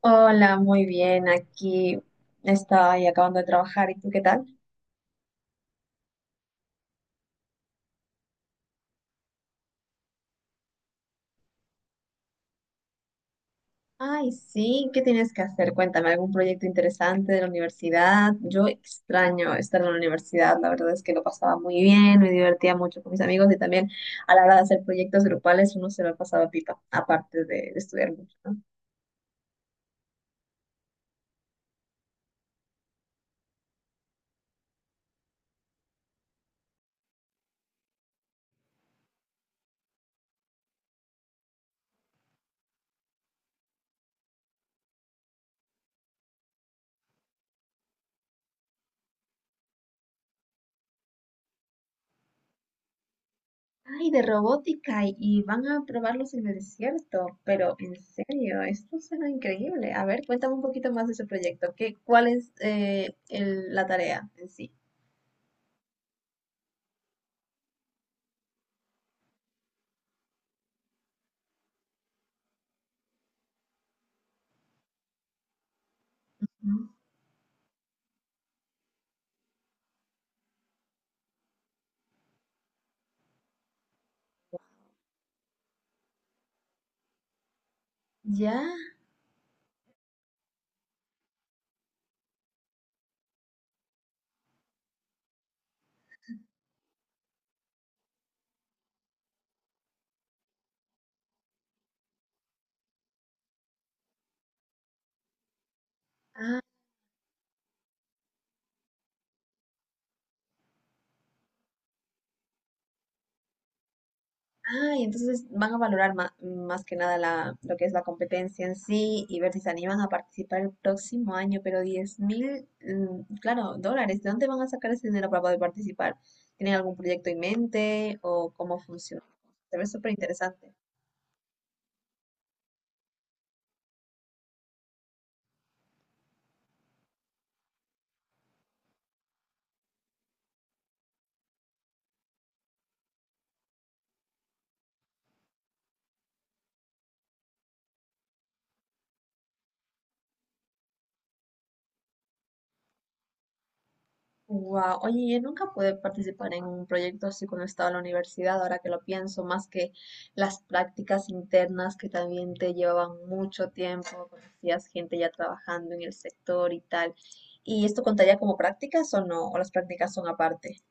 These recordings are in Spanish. Hola, muy bien. Aquí estoy acabando de trabajar. ¿Y tú qué tal? Ay, sí, ¿qué tienes que hacer? Cuéntame, ¿algún proyecto interesante de la universidad? Yo extraño estar en la universidad. La verdad es que lo pasaba muy bien, me divertía mucho con mis amigos y también a la hora de hacer proyectos grupales uno se lo pasaba pipa, aparte de estudiar mucho, ¿no? Ay, de robótica y van a probarlos en el desierto, pero en serio, esto suena increíble. A ver, cuéntame un poquito más de ese proyecto. ¿¿ cuál es la tarea en sí? Mm, ya, ah, ah, y entonces van a valorar más que nada lo que es la competencia en sí y ver si se animan a participar el próximo año, pero 10.000, claro, dólares, ¿de dónde van a sacar ese dinero para poder participar? ¿Tienen algún proyecto en mente o cómo funciona? Se ve súper interesante. Wow, oye, yo nunca pude participar en un proyecto así cuando estaba en la universidad, ahora que lo pienso, más que las prácticas internas que también te llevaban mucho tiempo, conocías gente ya trabajando en el sector y tal. ¿Y esto contaría como prácticas o no? ¿O las prácticas son aparte?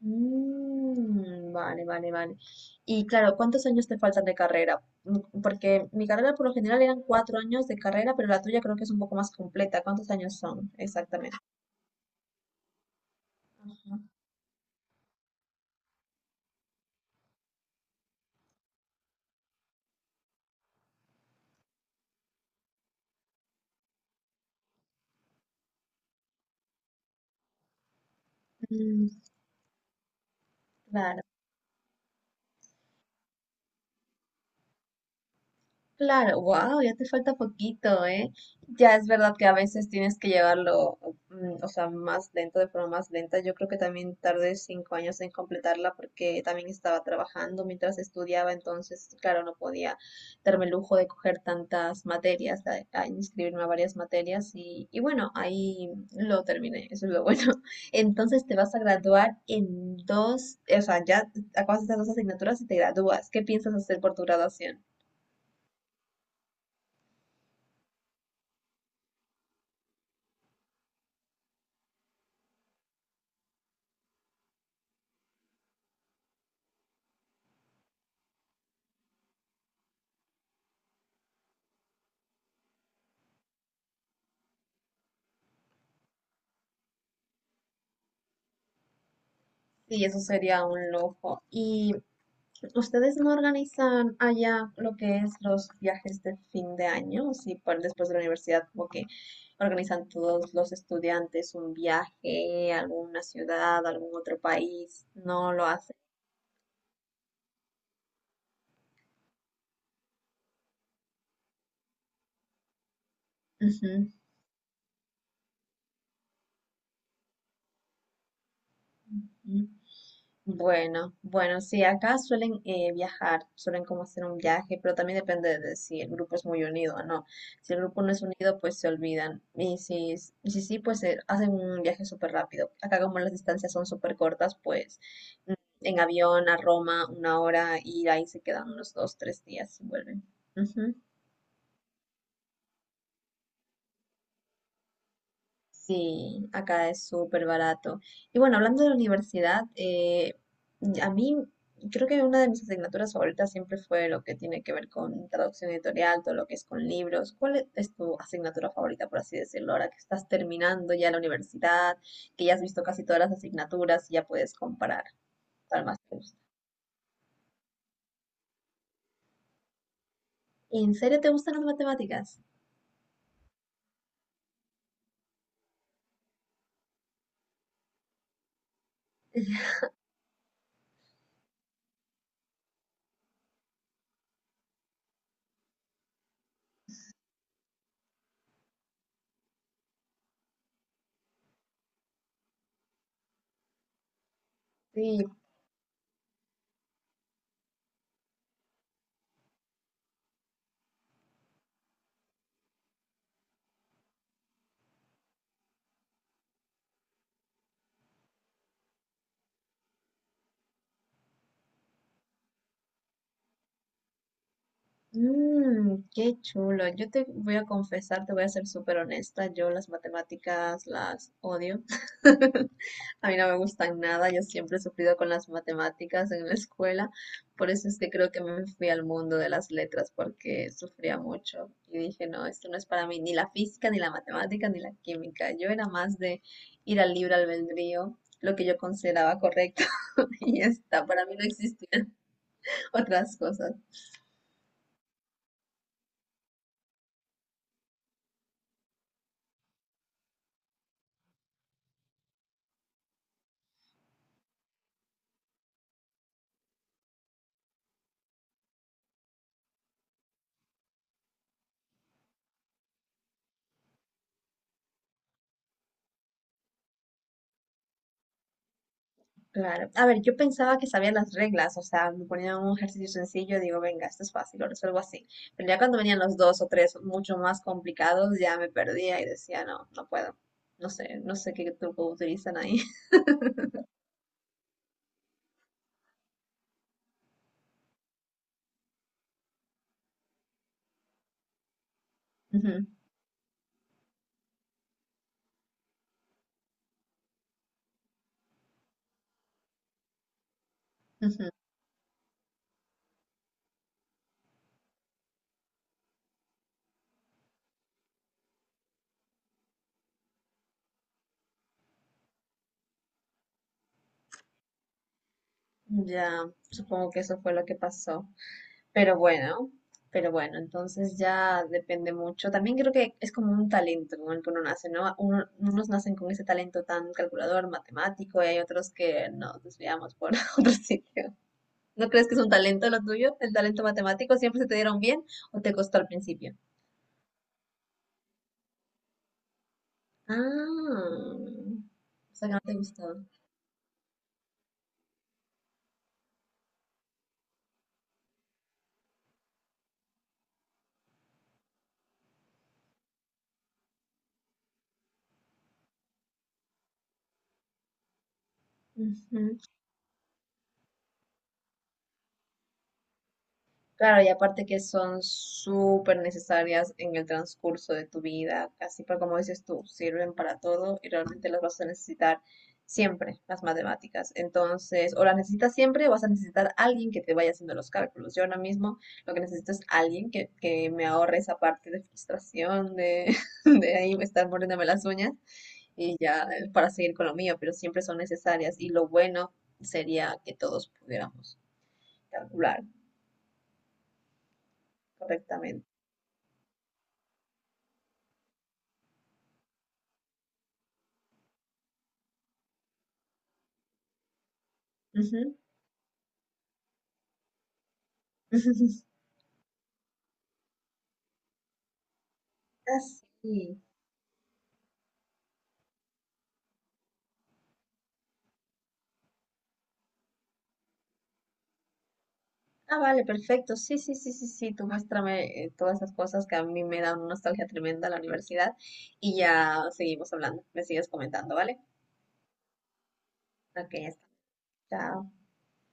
Mm, vale, vale, vale. Y claro, ¿cuántos años te faltan de carrera? Mm, porque mi carrera por lo general eran 4 años de carrera, pero la tuya creo que es un poco más completa. ¿Cuántos años son exactamente? Ujú. Mm, claro. Claro, wow, ya te falta poquito, ¿eh? Ya es verdad que a veces tienes que llevarlo, o sea, más lento, de forma más lenta. Yo creo que también tardé 5 años en completarla porque también estaba trabajando mientras estudiaba, entonces, claro, no podía darme el lujo de coger tantas materias, a inscribirme a varias materias y bueno, ahí lo terminé, eso es lo bueno. Entonces te vas a graduar en dos, o sea, ya acabas estas dos asignaturas y te gradúas. ¿Qué piensas hacer por tu graduación? Sí, eso sería un lujo. ¿Y ustedes no organizan allá lo que es los viajes de fin de año? Sí, después de la universidad, como que organizan todos los estudiantes un viaje a alguna ciudad, a algún otro país. No lo hacen. Ujú. Bueno, bueno, sí, acá suelen viajar, suelen como hacer un viaje, pero también depende de si el grupo es muy unido o no. Si el grupo no es unido, pues se olvidan. Y si sí, pues hacen un viaje súper rápido. Acá como las distancias son súper cortas, pues mm, en avión a Roma 1 hora y ahí se quedan unos dos, tres días y vuelven. Sí, acá es súper barato. Y bueno, hablando de la universidad, a mí creo que una de mis asignaturas favoritas siempre fue lo que tiene que ver con traducción editorial, todo lo que es con libros. ¿Cuál es tu asignatura favorita, por así decirlo, ahora que estás terminando ya la universidad, que ya has visto casi todas las asignaturas y ya puedes comparar cuál más te gusta? ¿En serio te gustan las matemáticas? Sí, qué chulo. Yo te voy a confesar, te voy a ser súper honesta. Yo las matemáticas las odio. A mí no me gustan nada. Yo siempre he sufrido con las matemáticas en la escuela. Por eso es que creo que me fui al mundo de las letras porque sufría mucho. Y dije, no, esto no es para mí. Ni la física, ni la matemática, ni la química. Yo era más de ir al libre albedrío, lo que yo consideraba correcto. Y ya está, para mí no existían otras cosas. Claro. A ver, yo pensaba que sabía las reglas, o sea, me ponían un ejercicio sencillo, digo, venga, esto es fácil, lo resuelvo así. Pero ya cuando venían los dos o tres mucho más complicados, ya me perdía y decía, no, no puedo. No sé, no sé qué truco utilizan ahí. Ujú, ujú. Ya, supongo que eso fue lo que pasó. Pero bueno, pero bueno, entonces ya depende mucho. También creo que es como un talento con el que uno nace, ¿no? Unos nacen con ese talento tan calculador, matemático, y hay otros que nos desviamos por otros sitios. ¿No crees que es un talento lo tuyo? ¿El talento matemático siempre se te dieron bien o te costó al principio? Ah, o sea que no te gustó. Ujú. Claro, y aparte que son súper necesarias en el transcurso de tu vida, así para como dices tú, sirven para todo y realmente las vas a necesitar siempre, las matemáticas. Entonces, o las necesitas siempre o vas a necesitar a alguien que te vaya haciendo los cálculos. Yo ahora mismo lo que necesito es alguien que me ahorre esa parte de frustración, de, de ahí estar mordiéndome las uñas y ya para seguir con lo mío, pero siempre son necesarias y lo bueno sería que todos pudiéramos calcular correctamente. Así. Ah, vale, perfecto. Sí, sí, sí, sí, sí. Tú muéstrame todas esas cosas que a mí me dan una nostalgia tremenda a la universidad y ya seguimos hablando. Me sigues comentando, ¿vale? Ok, ya está. Chao.